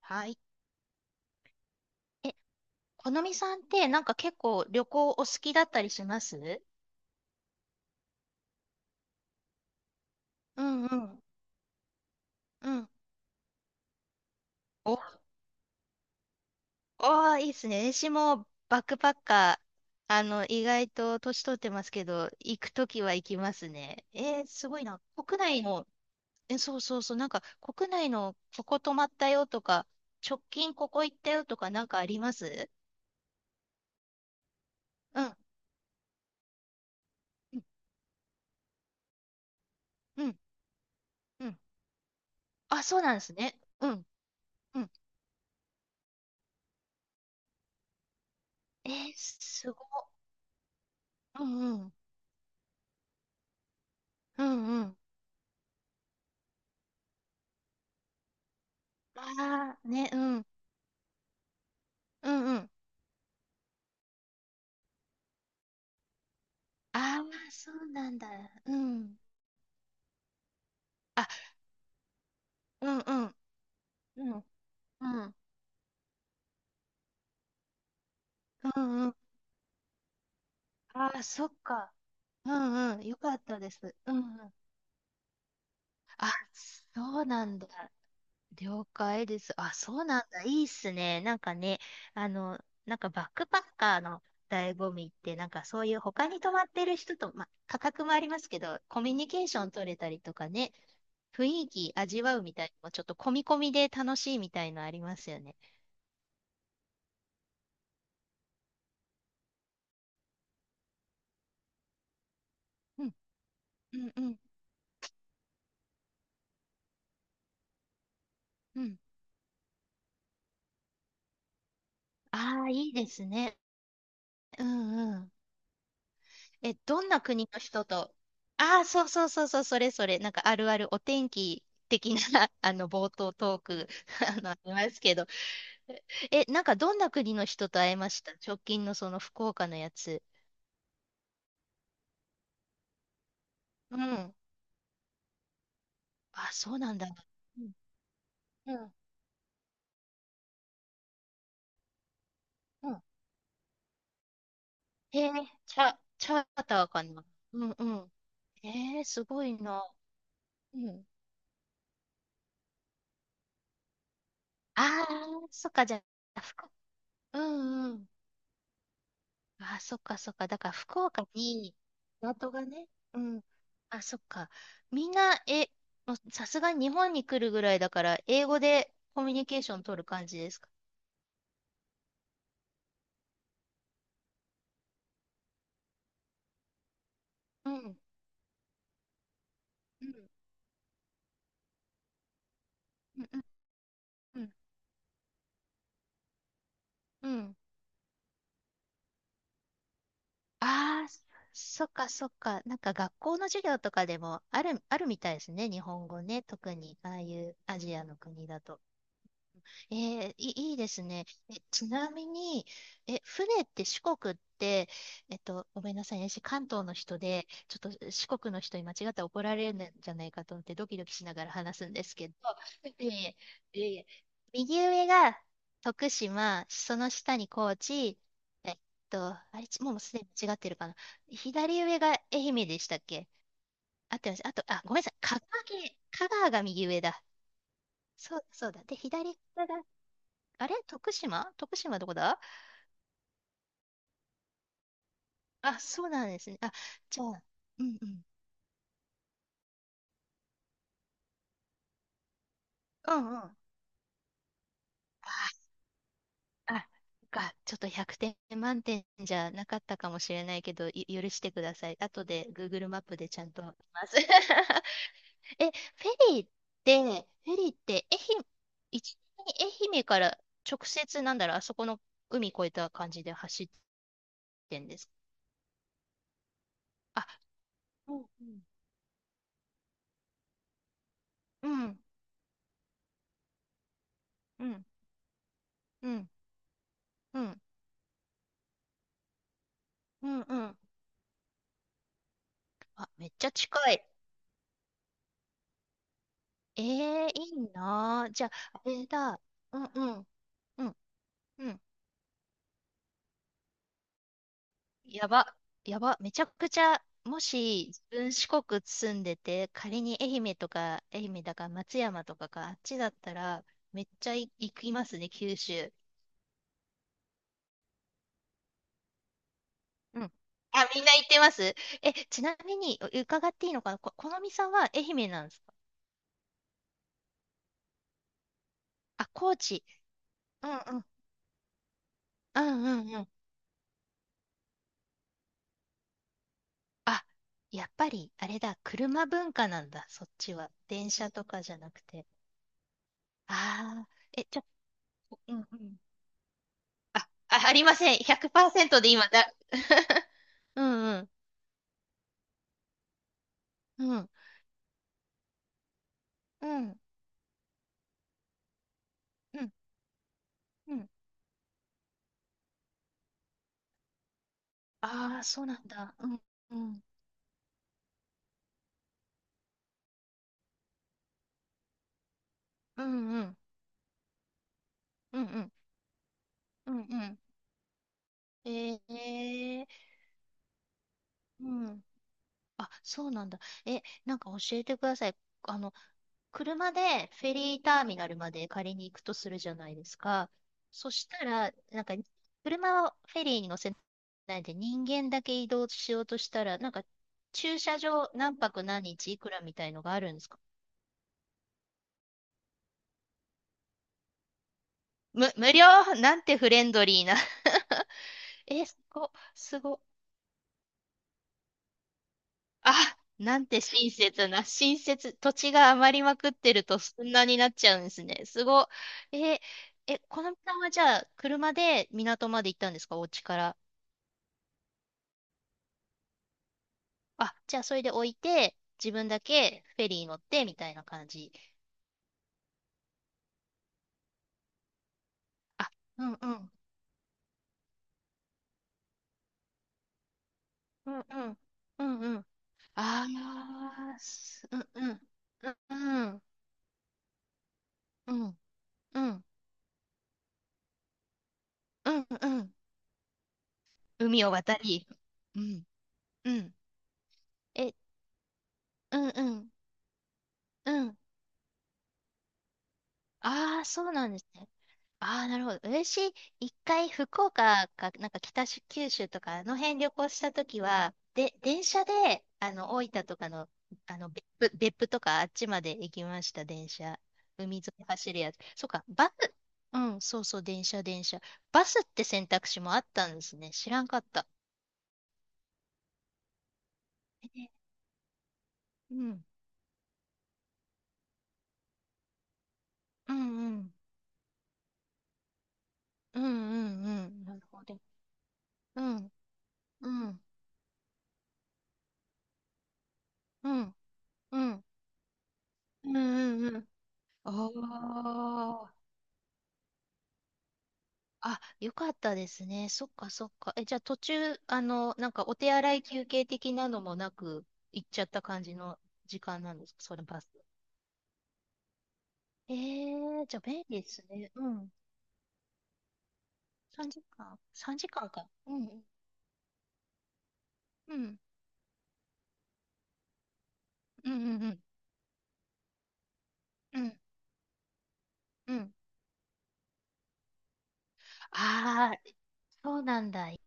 はい。え、このみさんってなんか結構旅行お好きだったりします？うんうん。うん。お、おー、いいですね。私もバックパッカー、意外と年取ってますけど、行くときは行きますね。えー、すごいな。国内の、そうそうそう、なんか国内のここ泊まったよとか、直近ここ行ったよとかなんかあります？うん。うん。うん。うん。あ、そうなんですね。うん。うん。えー、すごい。うんうん。うんうん。ああ、ね、うん、うんうん。ああ、そうなんだ。うん。あ、うんうん、うん、うん、うんうん。ああ、そっか。うんうん、よかったです。うんうん。あ、そうなんだ。了解です。あ、そうなんだ。いいっすね。なんかね、あの、なんかバックパッカーの醍醐味って、なんかそういう他に泊まってる人と、まあ、価格もありますけど、コミュニケーション取れたりとかね、雰囲気味わうみたいなのも、ちょっと込み込みで楽しいみたいのありますよね。うん、うん、うん、うん。ああ、いいですね。うん、うん。どんな国の人と、ああ、そうそうそうそう、それそれ、なんかあるあるお天気的な 冒頭トーク ありますけど。なんかどんな国の人と会えました？直近のその福岡のやつ。うん。あ、そうなんだ。うん、うん、うん。へえ、チャーターかな。うん、うん。えー、すごいな。うん。ああ、そっか、じゃあ、うん、うん。あ、そっかそっか。だから福岡に、港がね、うん。あ、そっか。みんな、もうさすがに日本に来るぐらいだから、英語でコミュニケーション取る感じですか？うん。うん。うん。うん。うん。ああ、そっかそっか。なんか学校の授業とかでもあるみたいですね。日本語ね。特に、ああいうアジアの国だと。えー、いですね。ちなみに、船って四国って、ごめんなさいね、私関東の人で、ちょっと四国の人に間違ったら怒られるんじゃないかと思ってドキドキしながら話すんですけど、いえいえ、いえいえ。右上が徳島、その下に高知、えっあれ、もうすでに間違ってるかな。左上が愛媛でしたっけ？合ってます。あと、あ、ごめんなさい、香川県、香川が右上だ。そう、そうだ。で、左が、あれ、徳島どこだ？あ、そうなんですね。あ、じゃあ、うんうん。うんうん。あ、あ、そっか、ちょっと100点満点じゃなかったかもしれないけど、許してください。後で Google マップでちゃんと見ます。え、フェリーって、愛媛、一愛媛から直接、なんだろう、あそこの海越えた感じで走ってんですか。あ、うんうん。うん、うん、うん、うん、うん、うん。あ、めっちゃ近い。ええ、いいなあ。じゃあ、あれだ。うんうん。うんうん。やば。やば。めちゃくちゃ、もし自分四国住んでて、仮に愛媛とか、愛媛だか松山とかか、あっちだったら、めっちゃ行きますね、九州。うん。あ、みんな行ってます。ちなみに、伺っていいのかな、このみさんは愛媛なんですか？あ、高知。うんうん。うんうんうん。あ、やっぱり、あれだ。車文化なんだ、そっちは。電車とかじゃなくて。ああ、え、ちょ、うんうん。あ、あ、ありません。100%で今だ。うんうん。うん。うん。うん。うん。ああ、そうなんだ。うん。うん。うんうん。うんうん。うんうん。ええー、うん。あ、そうなんだ。なんか教えてください。あの、車でフェリーターミナルまで借りに行くとするじゃないですか。そしたら、なんか、車はフェリーに乗せないで人間だけ移動しようとしたら、なんか、駐車場何泊何日いくらみたいのがあるんですか？無料？なんてフレンドリーな。え、すご、すご。あ、なんて親切な、親切、土地が余りまくってるとそんなになっちゃうんですね。すごい。このさんはじゃあ、車で港まで行ったんですか、お家から。あ、じゃあ、それで置いて、自分だけフェリー乗って、みたいな感じ。あ、うんうん、うんうん、うんうん。ああ、うんうん、うんうん、うん、うん、うんうん。海を渡り。うん、うん。え、うんうん、うん。ああ、そうなんですね。ああ、なるほど。私、一回福岡か、なんか北九州とか、あの辺旅行したときは、で、電車で、大分とかの、別府とかあっちまで行きました、電車。海沿い走るやつ。そうか、バス、うん、そうそう、電車。バスって選択肢もあったんですね。知らんかった。えうん、うん、うん、うん、うん、うん、なるほど。うん、うん、うん、うん、うん、うん、うん。ああ。あ、よかったですね。そっかそっか。じゃあ途中、なんかお手洗い休憩的なのもなく、行っちゃった感じの時間なんですか、それバス。えー、じゃあ便利ですね。うん。3時間？ 3時間 時間かんか。うん。うん。うん。うん。うん。うん。うん、ああー、そうなんだ。い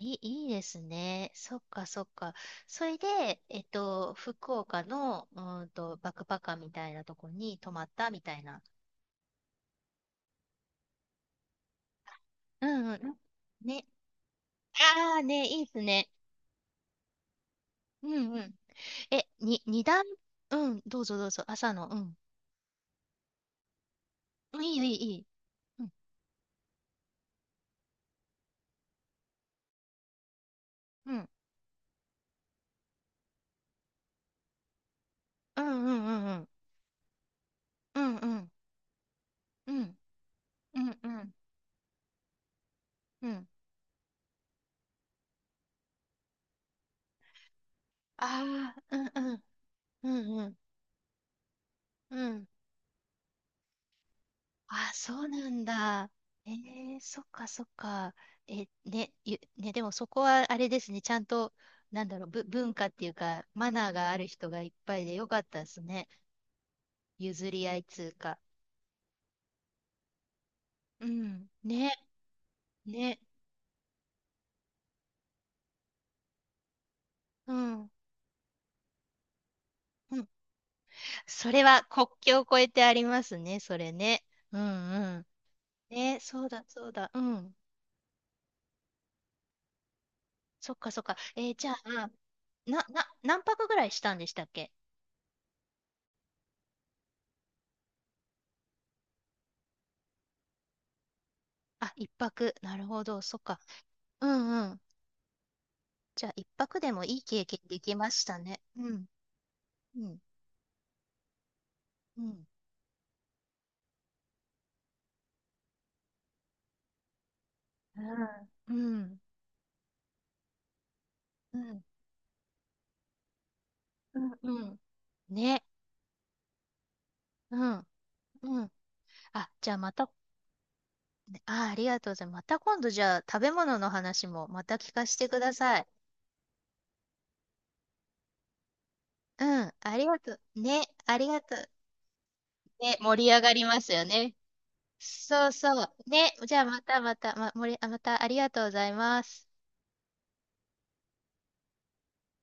い、いいですね。そっかそっか。それで、えっと、福岡の、うーんと、バックパッカーみたいなとこに泊まったみたいな。うんうん。ね、ああね、いいですね。うんうん。二段、うん、どうぞどうぞ、朝の、うん。うん、いい。うん、うん、うん、うん、うん、うん、うん、うん、うん、うん、うん。ああ、うん、うん、うん、うん、うん。ああ、そうなんだ。えー、そっか、そっか。え、ね、ゆ、ね、でもそこはあれですね、ちゃんと、なんだろう、文化っていうか、マナーがある人がいっぱいでよかったですね。譲り合いっつうか。うん、ね、ね。うんうん、それは国境を越えてありますね、それね。うんうん。ね、そうだ、そうだ。うん。そっか、そっか。えーじゃあ、何泊ぐらいしたんでしたっけ？あ、一泊。なるほど、そっか。うんうん。じゃあ、一泊でもいい経験できましたね。うん、うん、うん。うん、うん、うん、うん。ね、うん、うん。あ、じゃあまた、ねあ、ありがとうございます。また今度、じゃあ、食べ物の話もまた聞かせてください。うん、ありがとう。ね、ありがとう。ね、盛り上がりますよね。そうそう。ね、じゃあまたまた、ま、盛り、あまた、ありがとうございます。